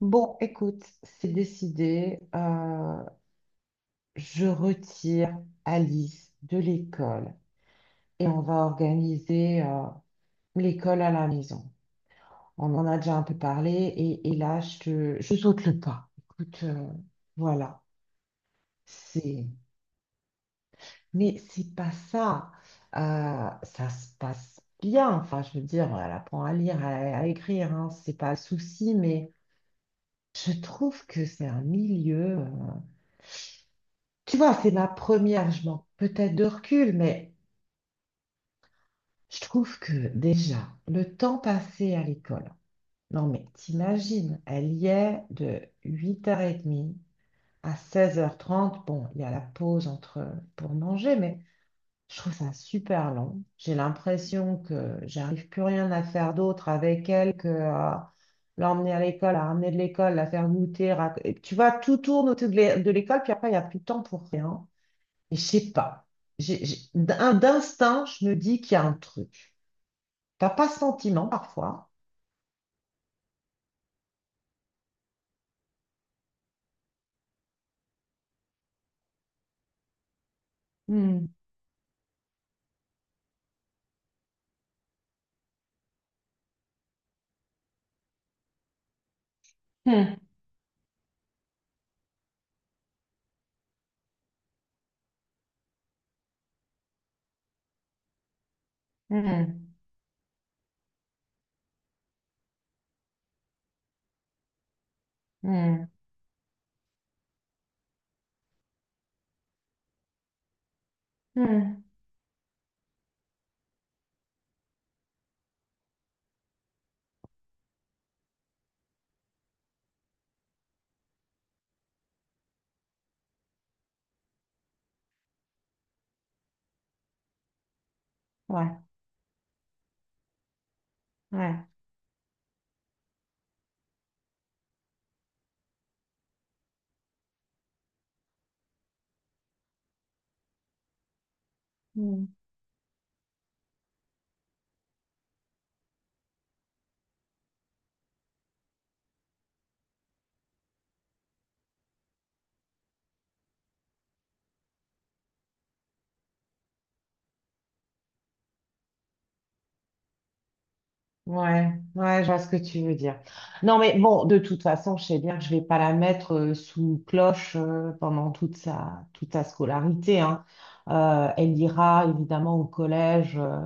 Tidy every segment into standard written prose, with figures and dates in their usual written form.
Bon, écoute, c'est décidé. Je retire Alice de l'école et on va organiser l'école à la maison. On en a déjà un peu parlé et là, je saute le pas. Écoute, voilà, c'est... Mais c'est pas ça. Ça se passe bien. Enfin, je veux dire, elle apprend à lire, à écrire, hein, c'est pas le souci, mais je trouve que c'est un milieu. Tu vois, c'est ma première, je manque peut-être de recul, mais je trouve que déjà, le temps passé à l'école, non mais t'imagines, elle y est de 8h30 à 16h30. Bon, il y a la pause entre pour manger, mais je trouve ça super long. J'ai l'impression que j'arrive plus rien à faire d'autre avec elle que à l'emmener à l'école, à ramener de l'école, la faire goûter. Tu vois, tout tourne autour de l'école, puis après, il n'y a plus de temps pour rien. Je sais pas. D'instinct, je me dis qu'il y a un truc. T'as pas ce sentiment parfois? Hmm. Hmm. Hmm. Hmm. Hmm. Ouais, ouais. Hmm. Ouais, ouais, je vois ce que tu veux dire. Non, mais bon, de toute façon, je sais bien que je vais pas la mettre sous cloche pendant toute sa scolarité, hein. Elle ira évidemment au collège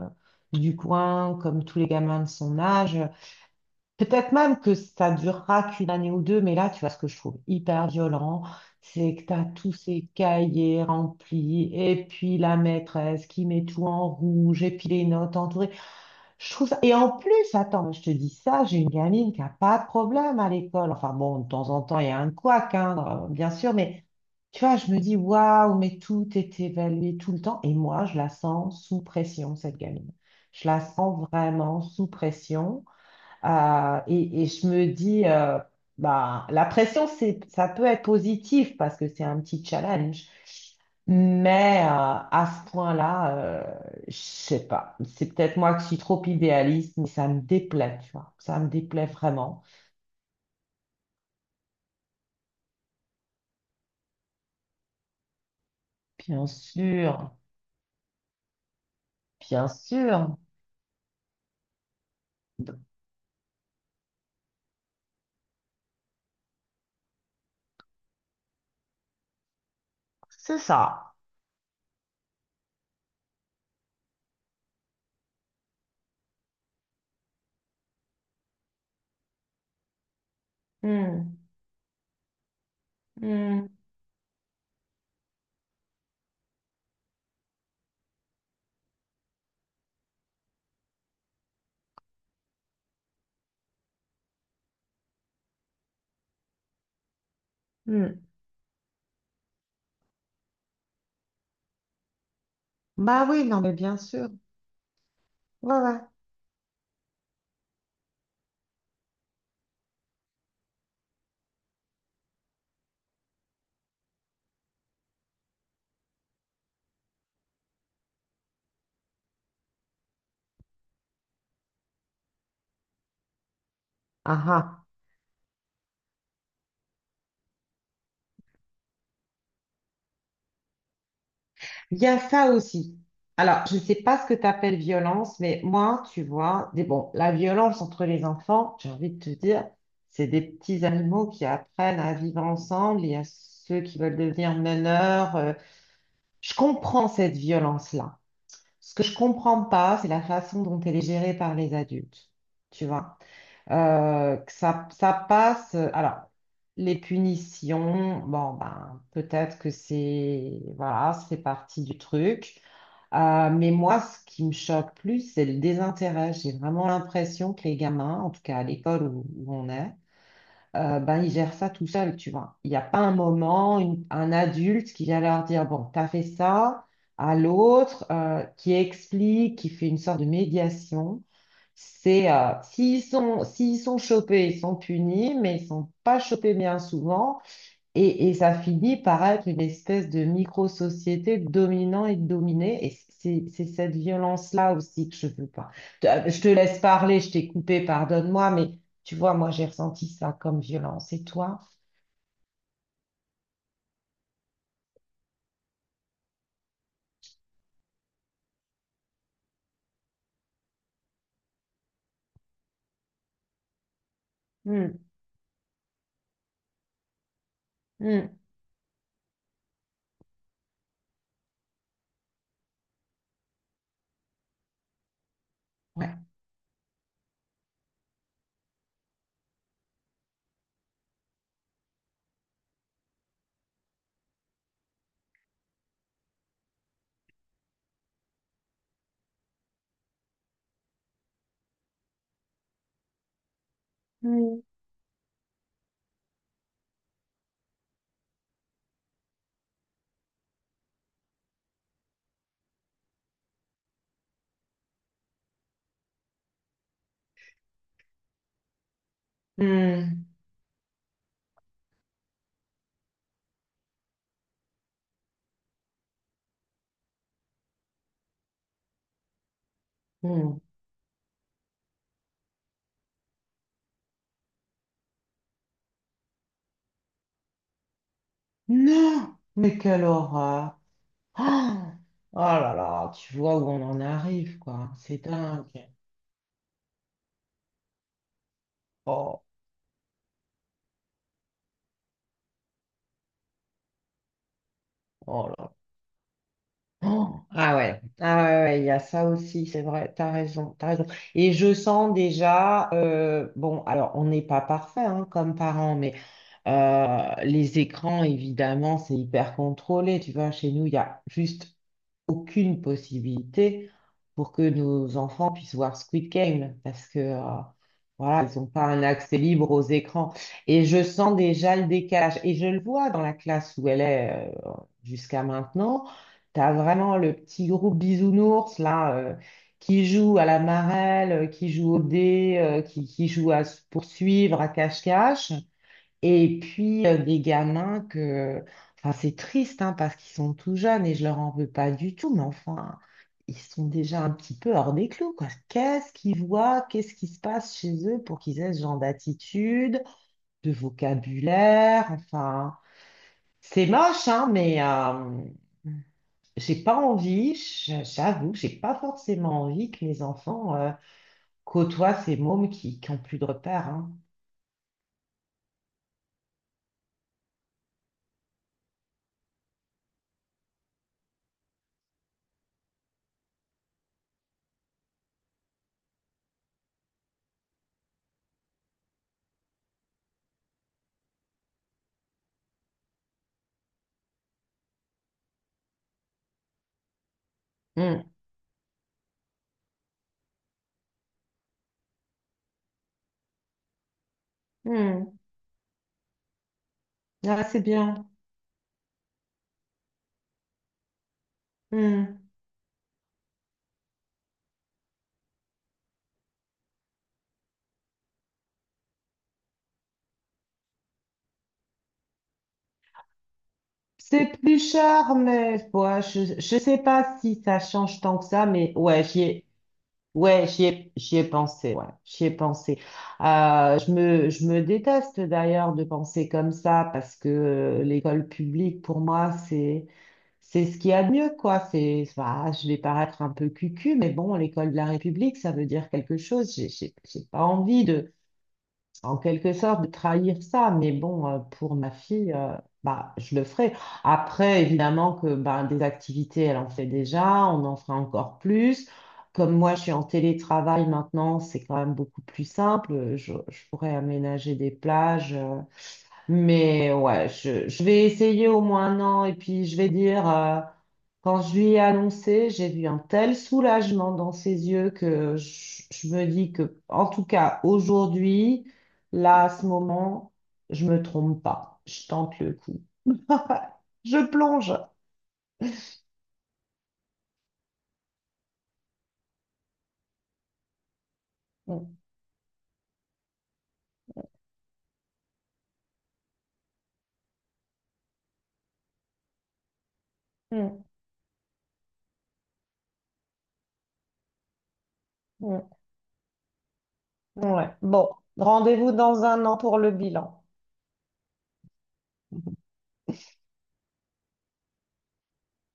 du coin, comme tous les gamins de son âge. Peut-être même que ça durera qu'une année ou deux, mais là, tu vois, ce que je trouve hyper violent, c'est que tu as tous ces cahiers remplis, et puis la maîtresse qui met tout en rouge, et puis les notes entourées. Et en plus, attends, mais je te dis ça, j'ai une gamine qui a pas de problème à l'école. Enfin bon, de temps en temps, il y a un couac, hein, bien sûr, mais tu vois, je me dis, waouh, mais tout est évalué tout le temps, et moi, je la sens sous pression, cette gamine. Je la sens vraiment sous pression. Et je me dis, bah, la pression, ça peut être positif parce que c'est un petit challenge. Mais à ce point-là, je sais pas. C'est peut-être moi qui suis trop idéaliste, mais ça me déplaît, tu vois. Ça me déplaît vraiment. Bien sûr, bien sûr. Donc. C'est ça. Hmm, hmm, hmm. Bah oui, non, mais bien sûr. Ouais, ouais. Ah, ah. Il y a ça aussi. Alors, je ne sais pas ce que tu appelles violence, mais moi, tu vois, des, bon, la violence entre les enfants, j'ai envie de te dire, c'est des petits animaux qui apprennent à vivre ensemble. Il y a ceux qui veulent devenir meneurs. Je comprends cette violence-là. Ce que je comprends pas, c'est la façon dont elle est gérée par les adultes. Tu vois, que ça passe. Alors, les punitions, bon, ben, peut-être que c'est, voilà, ça fait partie du truc. Mais moi, ce qui me choque plus, c'est le désintérêt. J'ai vraiment l'impression que les gamins, en tout cas à l'école où on est, ben, ils gèrent ça tout seuls, tu vois. Il n'y a pas un moment, un adulte qui vient leur dire, bon, t'as fait ça, à l'autre, qui explique, qui fait une sorte de médiation. S'ils sont, s'ils sont chopés, ils sont punis, mais ils sont pas chopés bien souvent. Et ça finit par être une espèce de micro-société dominant et dominée. Et c'est cette violence-là aussi que je veux pas. Je te laisse parler, je t'ai coupé, pardonne-moi, mais tu vois, moi, j'ai ressenti ça comme violence. Et toi? Hmm, hmm, ouais. Mm. Hmm, hmm. Non! Mais quelle horreur! Oh, oh là là, tu vois où on en arrive, quoi. C'est dingue. Oh, oh là. Oh, ah ouais, ah ouais, ouais, ouais, il y a ça aussi, c'est vrai, t'as raison, t'as raison. Et je sens déjà, bon, alors on n'est pas parfait hein, comme parents, mais euh, les écrans, évidemment, c'est hyper contrôlé. Tu vois, chez nous, il y a juste aucune possibilité pour que nos enfants puissent voir Squid Game parce que voilà, ils n'ont pas un accès libre aux écrans. Et je sens déjà le décalage. Et je le vois dans la classe où elle est euh, jusqu'à maintenant. Tu as vraiment le petit groupe bisounours là qui joue à la marelle, qui joue au dé, qui joue à se poursuivre, à cache-cache. Et puis des gamins que, enfin c'est triste hein, parce qu'ils sont tout jeunes et je leur en veux pas du tout, mais enfin ils sont déjà un petit peu hors des clous quoi. Qu'est-ce qu'ils voient, qu'est-ce qui se passe chez eux pour qu'ils aient ce genre d'attitude, de vocabulaire, enfin c'est moche hein, mais j'ai pas envie, j'avoue, j'ai pas forcément envie que mes enfants côtoient ces mômes qui ont plus de repères hein. Mm. Mm. Ah, c'est bien. Mm. C'est plus cher, mais ouais, je sais pas si ça change tant que ça, mais ouais, ouais, j'y ai pensé, ouais, j'y ai pensé. Je me déteste d'ailleurs de penser comme ça parce que l'école publique, pour moi, c'est ce qu'il y a de mieux, quoi. Bah, je vais paraître un peu cucu, mais bon, l'école de la République, ça veut dire quelque chose. J'ai pas envie en quelque sorte, de trahir ça. Mais bon, pour ma fille, bah, je le ferai. Après, évidemment que bah, des activités, elle en fait déjà, on en fera encore plus. Comme moi, je suis en télétravail maintenant, c'est quand même beaucoup plus simple. Je pourrais aménager des plages. Mais ouais, je vais essayer au moins un an et puis je vais dire, quand je lui ai annoncé, j'ai vu un tel soulagement dans ses yeux que je me dis que, en tout cas, aujourd'hui, là, à ce moment, je me trompe pas. Je tente le coup. Je plonge. Mm, mm, mm, mm, ouais. Bon, rendez-vous dans un an pour le bilan.